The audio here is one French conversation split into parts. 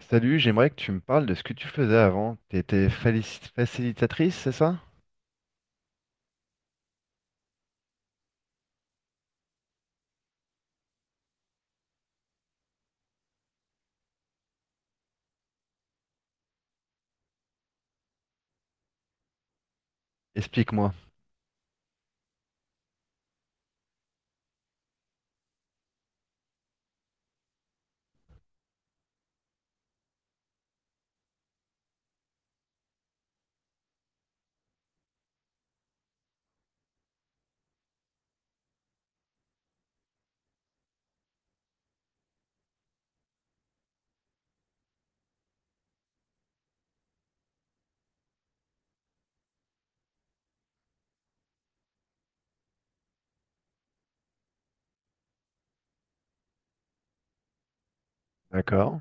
Salut, j'aimerais que tu me parles de ce que tu faisais avant. Tu étais facilitatrice, c'est ça? Explique-moi. D'accord.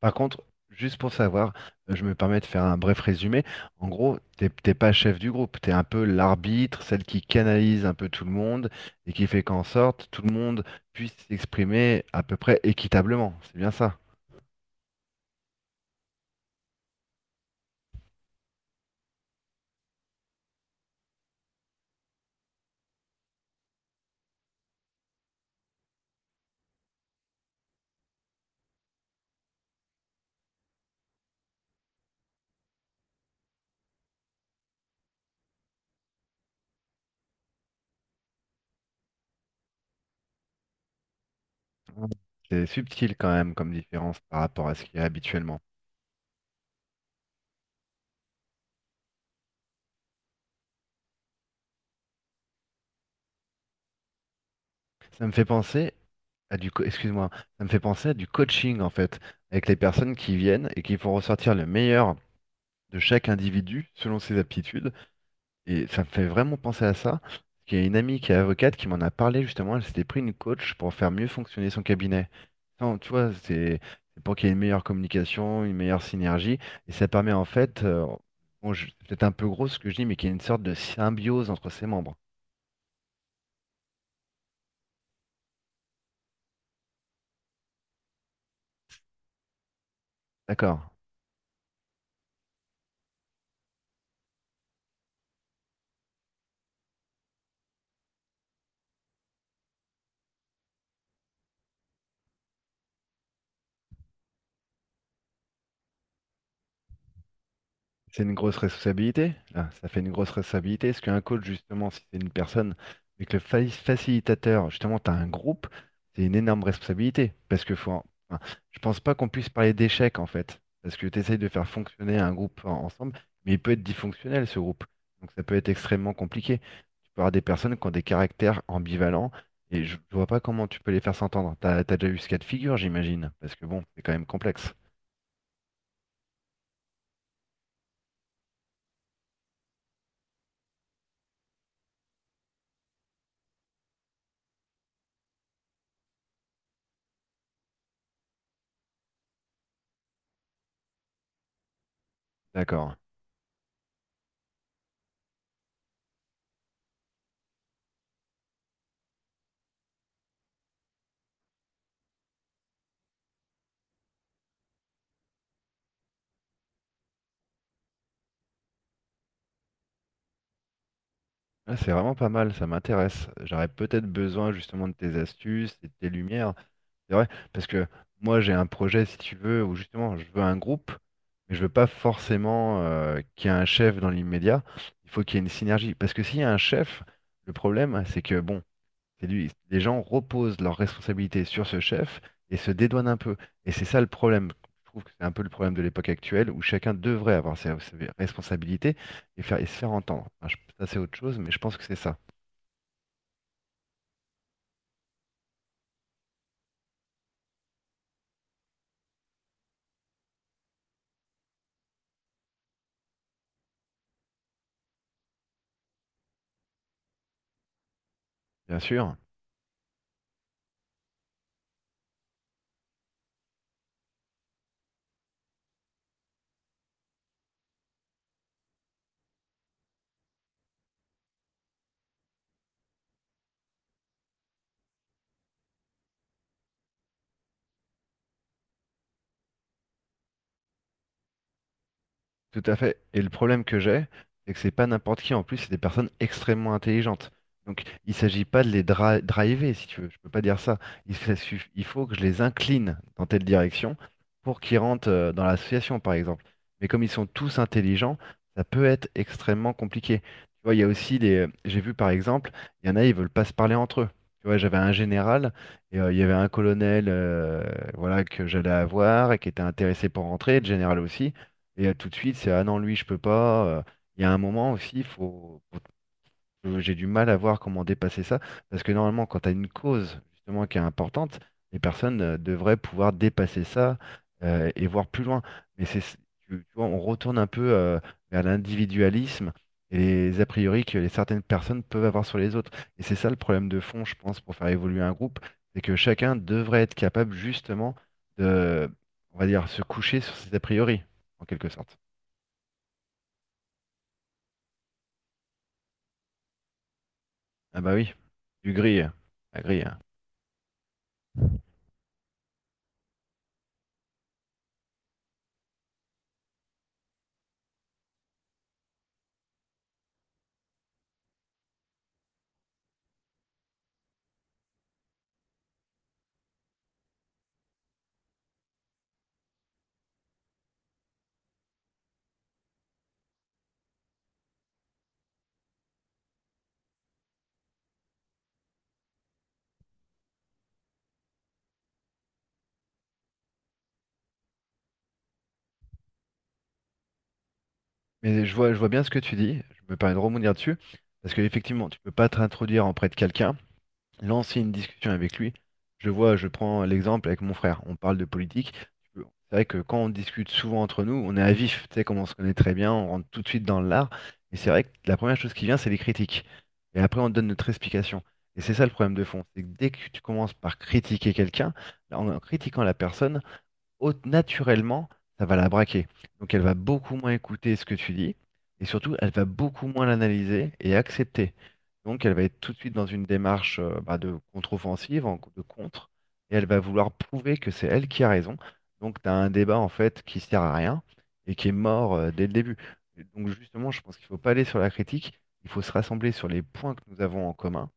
Par contre, juste pour savoir, je me permets de faire un bref résumé. En gros, t'es pas chef du groupe, tu es un peu l'arbitre, celle qui canalise un peu tout le monde et qui fait qu'en sorte tout le monde puisse s'exprimer à peu près équitablement. C'est bien ça. Mm. C'est subtil quand même comme différence par rapport à ce qu'il y a habituellement. Ça me fait penser à excuse-moi, ça me fait penser à du coaching en fait, avec les personnes qui viennent et qui font ressortir le meilleur de chaque individu selon ses aptitudes. Et ça me fait vraiment penser à ça. Parce qu'il y a une amie qui est avocate qui m'en a parlé justement, elle s'était pris une coach pour faire mieux fonctionner son cabinet. Non, tu vois, c'est pour qu'il y ait une meilleure communication, une meilleure synergie, et ça permet en fait, bon, c'est peut-être un peu gros ce que je dis, mais qu'il y ait une sorte de symbiose entre ses membres. D'accord. C'est une grosse responsabilité. Là, ça fait une grosse responsabilité. Parce qu'un coach, justement, si c'est une personne, mais que le facilitateur, justement, tu as un groupe, c'est une énorme responsabilité. Parce que faut, enfin, je pense pas qu'on puisse parler d'échec, en fait. Parce que tu essayes de faire fonctionner un groupe ensemble, mais il peut être dysfonctionnel, ce groupe. Donc ça peut être extrêmement compliqué. Tu peux avoir des personnes qui ont des caractères ambivalents, et je vois pas comment tu peux les faire s'entendre. T'as déjà eu ce cas de figure, j'imagine. Parce que bon, c'est quand même complexe. D'accord. Ah, c'est vraiment pas mal, ça m'intéresse. J'aurais peut-être besoin justement de tes astuces et de tes lumières. C'est vrai, parce que moi j'ai un projet, si tu veux, où justement je veux un groupe, mais je veux pas forcément qu'il y ait un chef dans l'immédiat. Il faut qu'il y ait une synergie. Parce que s'il y a un chef, le problème, c'est que bon, c'est lui. Les gens reposent leurs responsabilités sur ce chef et se dédouanent un peu. Et c'est ça le problème. Je trouve que c'est un peu le problème de l'époque actuelle où chacun devrait avoir ses responsabilités et se faire entendre. Enfin, ça, c'est autre chose, mais je pense que c'est ça. Bien sûr. Tout à fait. Et le problème que j'ai, c'est que c'est pas n'importe qui. En plus, c'est des personnes extrêmement intelligentes. Donc, il s'agit pas de les driver, si tu veux. Je peux pas dire ça. Il faut que je les incline dans telle direction pour qu'ils rentrent dans l'association, par exemple. Mais comme ils sont tous intelligents, ça peut être extrêmement compliqué. Tu vois, il y a aussi les. J'ai vu, par exemple, il y en a, ils veulent pas se parler entre eux. Tu vois, j'avais un général et il y avait un colonel, voilà, que j'allais avoir et qui était intéressé pour rentrer, le général aussi. Et tout de suite, c'est ah non, lui, je peux pas. Il y a un moment aussi, j'ai du mal à voir comment dépasser ça. Parce que normalement, quand tu as une cause justement qui est importante, les personnes devraient pouvoir dépasser ça et voir plus loin. Mais c'est, tu vois, on retourne un peu vers l'individualisme et les a priori que les certaines personnes peuvent avoir sur les autres. Et c'est ça le problème de fond, je pense, pour faire évoluer un groupe, c'est que chacun devrait être capable justement de, on va dire, se coucher sur ses a priori, en quelque sorte. Ah bah oui, du gris, la grille. Hein. Mais je vois bien ce que tu dis, je me permets de rebondir dessus, parce que effectivement, tu peux pas t'introduire auprès de quelqu'un, lancer une discussion avec lui. Je vois, je prends l'exemple avec mon frère, on parle de politique. C'est vrai que quand on discute souvent entre nous, on est à vif, tu sais, comme on se connaît très bien, on rentre tout de suite dans l'art, mais c'est vrai que la première chose qui vient, c'est les critiques. Et après, on donne notre explication. Et c'est ça le problème de fond, c'est que dès que tu commences par critiquer quelqu'un, là, en critiquant la personne, naturellement, ça va la braquer. Donc elle va beaucoup moins écouter ce que tu dis, et surtout, elle va beaucoup moins l'analyser et accepter. Donc elle va être tout de suite dans une démarche de contre-offensive, de contre, et elle va vouloir prouver que c'est elle qui a raison. Donc tu as un débat en fait qui sert à rien et qui est mort dès le début. Donc justement, je pense qu'il ne faut pas aller sur la critique, il faut se rassembler sur les points que nous avons en commun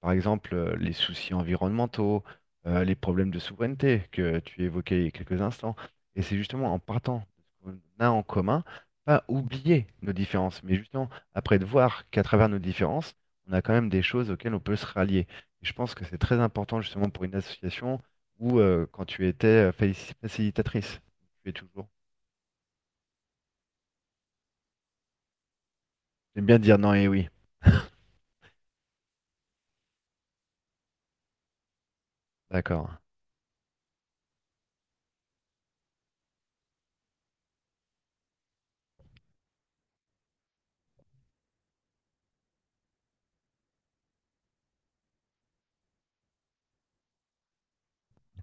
par exemple, les soucis environnementaux, les problèmes de souveraineté que tu évoquais il y a quelques instants. Et c'est justement en partant de ce qu'on a en commun, pas oublier nos différences, mais justement après de voir qu'à travers nos différences, on a quand même des choses auxquelles on peut se rallier. Et je pense que c'est très important justement pour une association où quand tu étais facilitatrice, tu es toujours. J'aime bien dire non et oui. D'accord,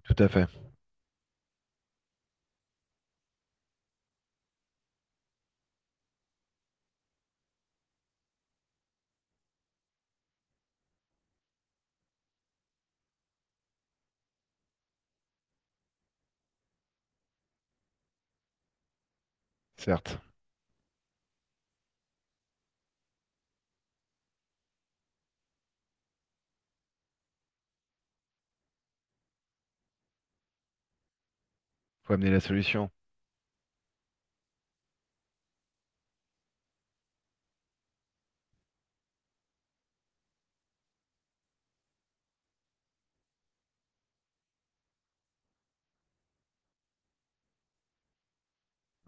tout à fait, certes. Faut amener la solution.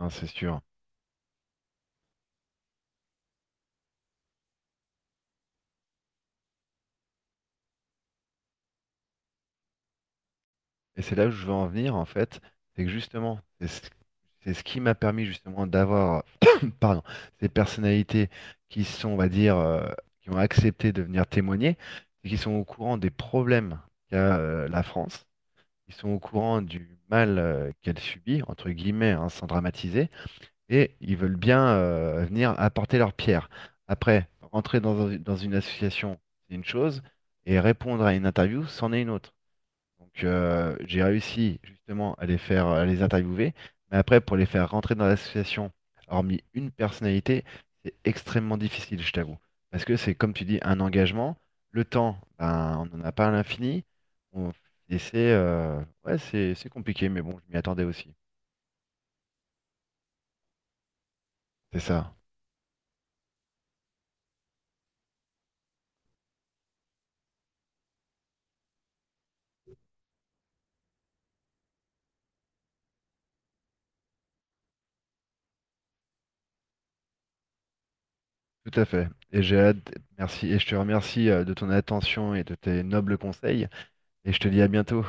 Non, c'est sûr. Et c'est là où je veux en venir, en fait, c'est que justement, c'est ce qui m'a permis justement d'avoir, pardon, ces personnalités qui sont, on va dire, qui ont accepté de venir témoigner, et qui sont au courant des problèmes qu'a la France, qui sont au courant du mal qu'elle subit, entre guillemets, hein, sans dramatiser, et ils veulent bien venir apporter leur pierre. Après, dans une association, c'est une chose, et répondre à une interview, c'en est une autre. Donc j'ai réussi justement à les interviewer, mais après pour les faire rentrer dans l'association, hormis une personnalité, c'est extrêmement difficile, je t'avoue. Parce que c'est comme tu dis, un engagement, le temps, ben, on n'en a pas à l'infini. On... Et c'est ouais, c'est compliqué, mais bon, je m'y attendais aussi. C'est ça, tout à fait. Et j'ai hâte, merci, et je te remercie de ton attention et de tes nobles conseils, et je te dis à bientôt.